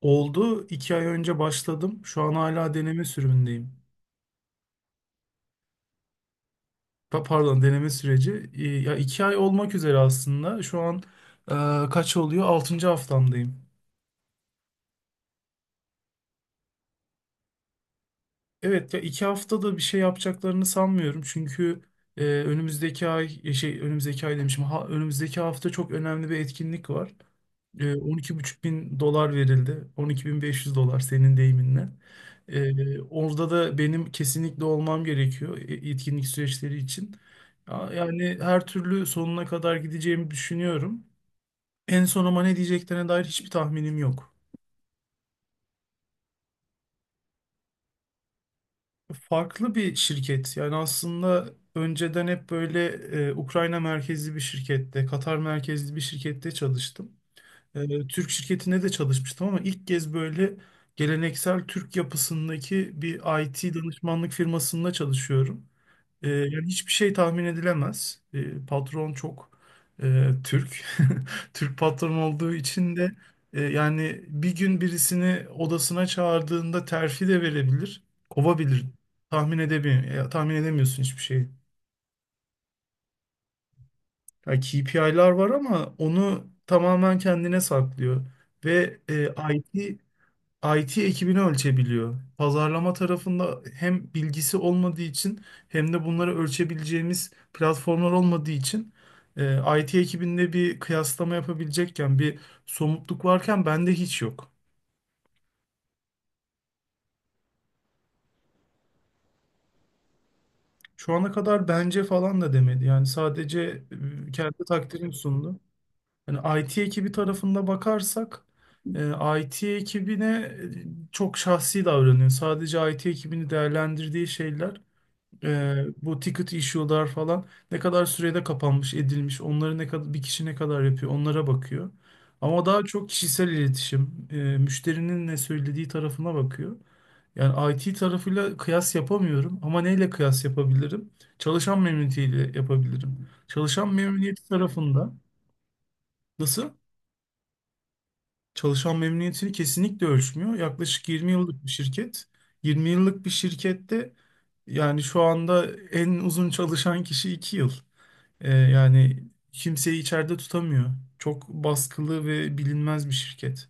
Oldu. 2 ay önce başladım. Şu an hala deneme sürümündeyim. Pardon, deneme süreci. Ya 2 ay olmak üzere aslında. Şu an kaç oluyor? Altıncı haftamdayım. Evet, ya 2 haftada bir şey yapacaklarını sanmıyorum. Çünkü önümüzdeki ay, önümüzdeki ay demişim. Ha, önümüzdeki hafta çok önemli bir etkinlik var. On iki buçuk bin dolar verildi. 12.500 dolar senin deyiminle. Orada da benim kesinlikle olmam gerekiyor etkinlik süreçleri için. Yani her türlü sonuna kadar gideceğimi düşünüyorum. En son ama ne diyeceklerine dair hiçbir tahminim yok. Farklı bir şirket. Yani aslında önceden hep böyle Ukrayna merkezli bir şirkette, Katar merkezli bir şirkette çalıştım. Türk şirketinde de çalışmıştım ama ilk kez böyle geleneksel Türk yapısındaki bir IT danışmanlık firmasında çalışıyorum. Yani hiçbir şey tahmin edilemez. Patron çok Türk. Türk patron olduğu için de yani bir gün birisini odasına çağırdığında terfi de verebilir, kovabilir. Tahmin edemiyor, ya, tahmin edemiyorsun hiçbir şeyi. Ya KPI'lar var ama onu tamamen kendine saklıyor. Ve IT IT ekibini ölçebiliyor. Pazarlama tarafında hem bilgisi olmadığı için hem de bunları ölçebileceğimiz platformlar olmadığı için IT ekibinde bir kıyaslama yapabilecekken bir somutluk varken bende hiç yok. Şu ana kadar bence falan da demedi. Yani sadece kendi takdirini sundu. Yani IT ekibi tarafında bakarsak IT ekibine çok şahsi davranıyor. Sadece IT ekibini değerlendirdiği şeyler. Bu ticket issue'lar falan ne kadar sürede kapanmış, edilmiş, onları ne kadar bir kişi ne kadar yapıyor, onlara bakıyor. Ama daha çok kişisel iletişim, müşterinin ne söylediği tarafına bakıyor. Yani IT tarafıyla kıyas yapamıyorum ama neyle kıyas yapabilirim? Çalışan memnuniyetiyle yapabilirim. Çalışan memnuniyeti tarafında nasıl? Çalışan memnuniyetini kesinlikle ölçmüyor. Yaklaşık 20 yıllık bir şirket. 20 yıllık bir şirkette yani şu anda en uzun çalışan kişi 2 yıl. Yani kimseyi içeride tutamıyor. Çok baskılı ve bilinmez bir şirket.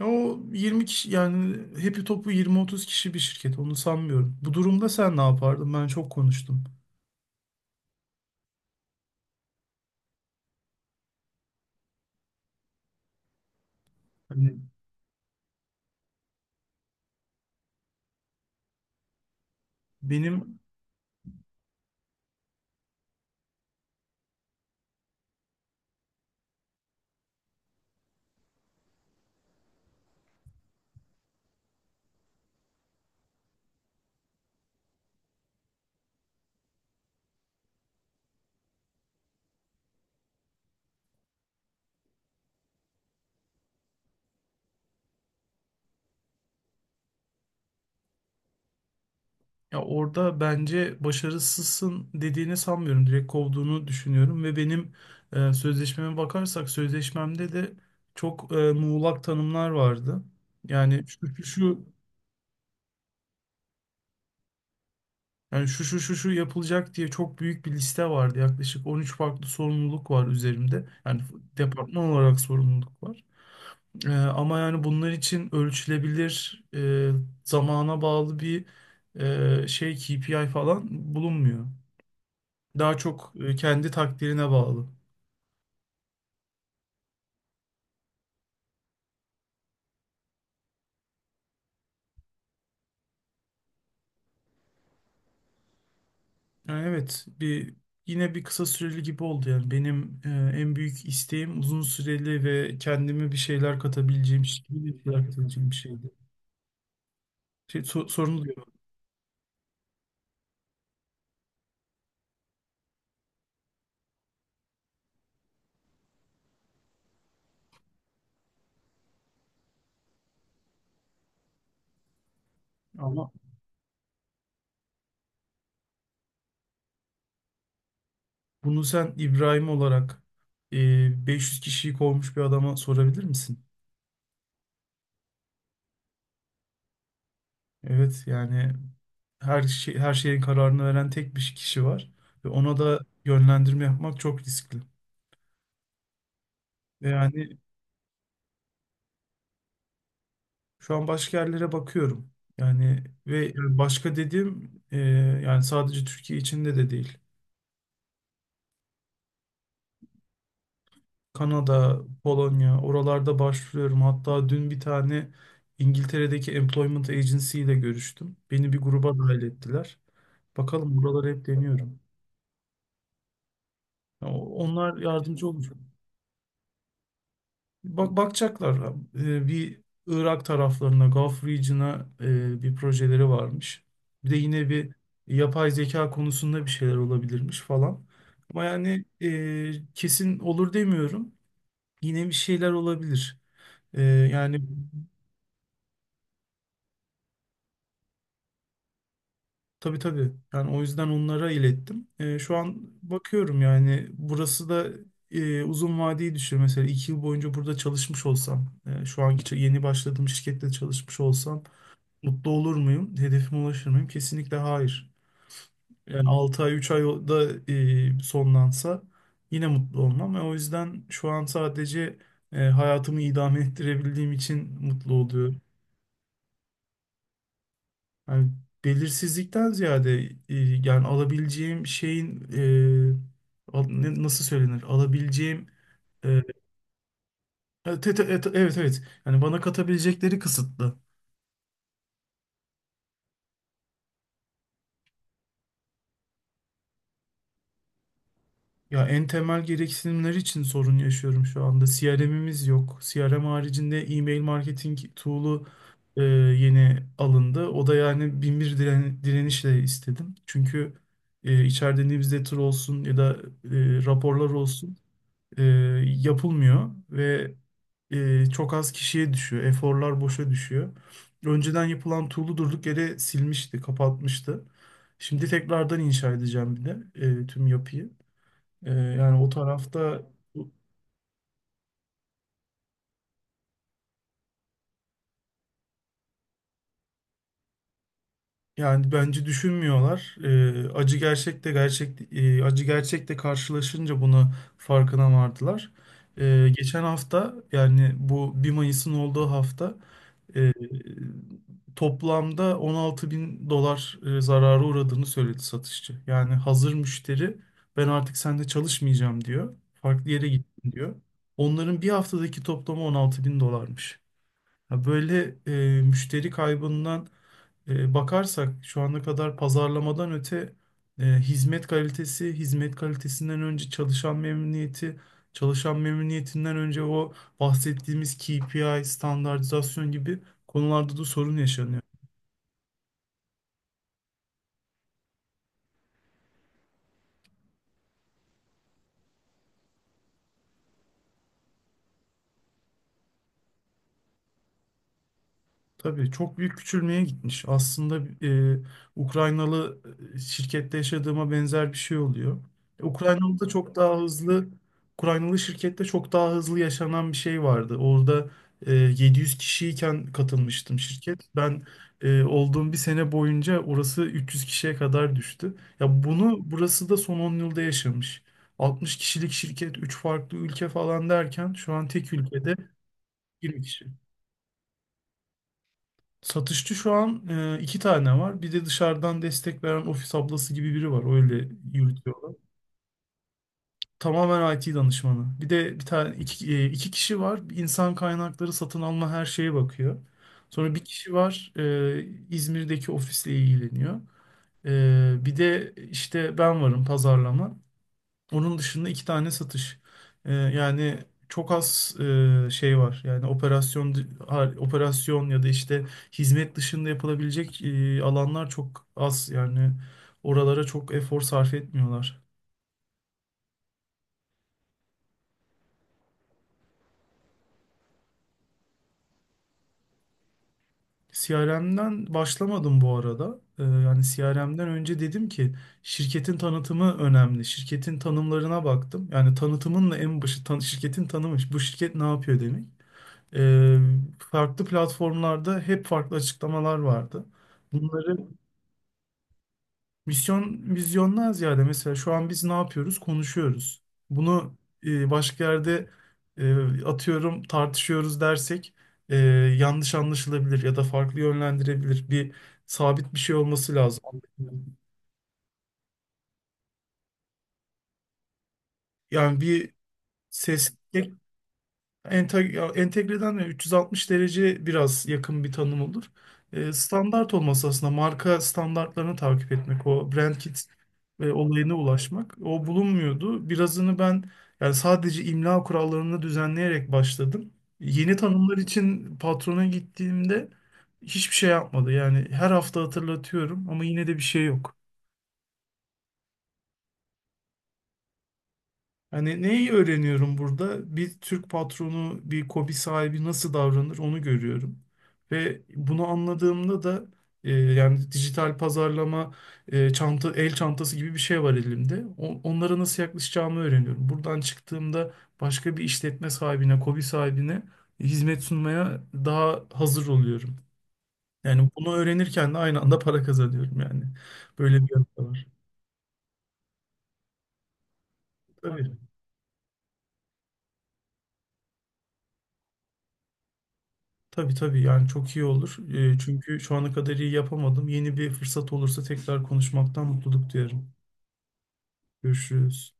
Ya o 20 kişi, yani hepi topu 20-30 kişi bir şirket, onu sanmıyorum. Bu durumda sen ne yapardın? Ben çok konuştum. Hani benim Ya orada bence başarısızsın dediğini sanmıyorum. Direkt kovduğunu düşünüyorum ve benim sözleşmeme bakarsak sözleşmemde de çok muğlak tanımlar vardı. Yani şu şu şu yani şu şu şu şu yapılacak diye çok büyük bir liste vardı. Yaklaşık 13 farklı sorumluluk var üzerimde. Yani departman olarak sorumluluk var. Ama yani bunlar için ölçülebilir, zamana bağlı bir KPI falan bulunmuyor. Daha çok kendi takdirine bağlı. Yani evet, yine bir kısa süreli gibi oldu yani. Benim en büyük isteğim uzun süreli ve kendime bir şeyler katabileceğim, şirketime bir şeyler katabileceğim bir şeydi. Sorunu diyorum ama bunu sen İbrahim olarak 500 kişiyi kovmuş bir adama sorabilir misin? Evet yani her şey, her şeyin kararını veren tek bir kişi var ve ona da yönlendirme yapmak çok riskli. Ve yani şu an başka yerlere bakıyorum. Yani ve yani başka dediğim, yani sadece Türkiye içinde de değil. Kanada, Polonya, oralarda başvuruyorum. Hatta dün bir tane İngiltere'deki Employment Agency ile görüştüm. Beni bir gruba dahil ettiler. Bakalım, buralara hep deniyorum. Onlar yardımcı olacak. Bak, bakacaklar. Bir Irak taraflarına, Gulf Region'a bir projeleri varmış. Bir de yine bir yapay zeka konusunda bir şeyler olabilirmiş falan. Ama yani kesin olur demiyorum. Yine bir şeyler olabilir. E, yani tabii tabii. Yani o yüzden onlara ilettim. Şu an bakıyorum, yani burası da uzun vadeyi düşün. Mesela 2 yıl boyunca burada çalışmış olsam, şu anki yeni başladığım şirkette çalışmış olsam mutlu olur muyum? Hedefime ulaşır mıyım? Kesinlikle hayır. Yani 6 ay 3 ayda sonlansa yine mutlu olmam. Ve o yüzden şu an sadece hayatımı idame ettirebildiğim için mutlu oluyorum. Yani belirsizlikten ziyade yani alabileceğim şeyin, nasıl söylenir? Alabileceğim e, evet, evet evet. Evet. Yani bana katabilecekleri kısıtlı. Ya en temel gereksinimler için sorun yaşıyorum şu anda. CRM'imiz yok. CRM haricinde e-mail marketing tool'u yeni alındı. O da yani bin bir direnişle istedim. Çünkü içeride newsletter olsun ya da raporlar olsun e, yapılmıyor ve çok az kişiye düşüyor. Eforlar boşa düşüyor. Önceden yapılan tool'u durduk yere silmişti, kapatmıştı. Şimdi tekrardan inşa edeceğim bir de tüm yapıyı. Yani o tarafta yani bence düşünmüyorlar. Acı gerçekte karşılaşınca buna farkına vardılar. Geçen hafta, yani bu 1 Mayıs'ın olduğu hafta, e, toplamda 16 bin dolar zarara uğradığını söyledi satışçı. Yani hazır müşteri, ben artık sende çalışmayacağım diyor. Farklı yere gittim diyor. Onların bir haftadaki toplamı 16 bin dolarmış. Ha, böyle müşteri kaybından bakarsak, şu ana kadar pazarlamadan öte hizmet kalitesi, hizmet kalitesinden önce çalışan memnuniyeti, çalışan memnuniyetinden önce o bahsettiğimiz KPI, standartizasyon gibi konularda da sorun yaşanıyor. Tabii çok büyük küçülmeye gitmiş. Aslında Ukraynalı şirkette yaşadığıma benzer bir şey oluyor. Ukraynalı da çok daha hızlı, Ukraynalı şirkette çok daha hızlı yaşanan bir şey vardı. Orada 700 kişiyken katılmıştım şirket. Ben olduğum bir sene boyunca orası 300 kişiye kadar düştü. Ya bunu burası da son 10 yılda yaşamış. 60 kişilik şirket, 3 farklı ülke falan derken şu an tek ülkede 20 kişi. Satışçı şu an 2 tane var. Bir de dışarıdan destek veren ofis ablası gibi biri var. Öyle yürütüyorlar. Tamamen IT danışmanı. Bir de bir tane iki kişi var. İnsan kaynakları, satın alma, her şeye bakıyor. Sonra bir kişi var, İzmir'deki ofisle ilgileniyor. Bir de işte ben varım, pazarlama. Onun dışında 2 tane satış. Yani çok az şey var. Yani operasyon operasyon ya da işte hizmet dışında yapılabilecek alanlar çok az. Yani oralara çok efor sarf etmiyorlar. CRM'den başlamadım bu arada. Yani CRM'den önce dedim ki şirketin tanıtımı önemli. Şirketin tanımlarına baktım. Yani tanıtımın da en başı şirketin tanımı. Bu şirket ne yapıyor demek. Ee, farklı platformlarda hep farklı açıklamalar vardı. Bunları misyon vizyondan ziyade, mesela şu an biz ne yapıyoruz? Konuşuyoruz. Bunu başka yerde atıyorum tartışıyoruz dersek e, yanlış anlaşılabilir ya da farklı yönlendirebilir. Bir sabit bir şey olması lazım. Yani bir ses Entegreden de 360 derece biraz yakın bir tanım olur. Standart olması aslında marka standartlarını takip etmek, o brand kit olayına ulaşmak. O bulunmuyordu. Birazını ben, yani sadece imla kurallarını düzenleyerek başladım. Yeni tanımlar için patrona gittiğimde hiçbir şey yapmadı. Yani her hafta hatırlatıyorum ama yine de bir şey yok. Hani neyi öğreniyorum burada? Bir Türk patronu, bir KOBİ sahibi nasıl davranır, onu görüyorum. Ve bunu anladığımda da yani dijital pazarlama, çanta, el çantası gibi bir şey var elimde. Onlara nasıl yaklaşacağımı öğreniyorum. Buradan çıktığımda başka bir işletme sahibine, KOBİ sahibine hizmet sunmaya daha hazır oluyorum. Yani bunu öğrenirken de aynı anda para kazanıyorum yani. Böyle bir yanı da var. Tabii. Tabii tabii, yani çok iyi olur. Çünkü şu ana kadar iyi yapamadım. Yeni bir fırsat olursa tekrar konuşmaktan mutluluk duyarım. Görüşürüz.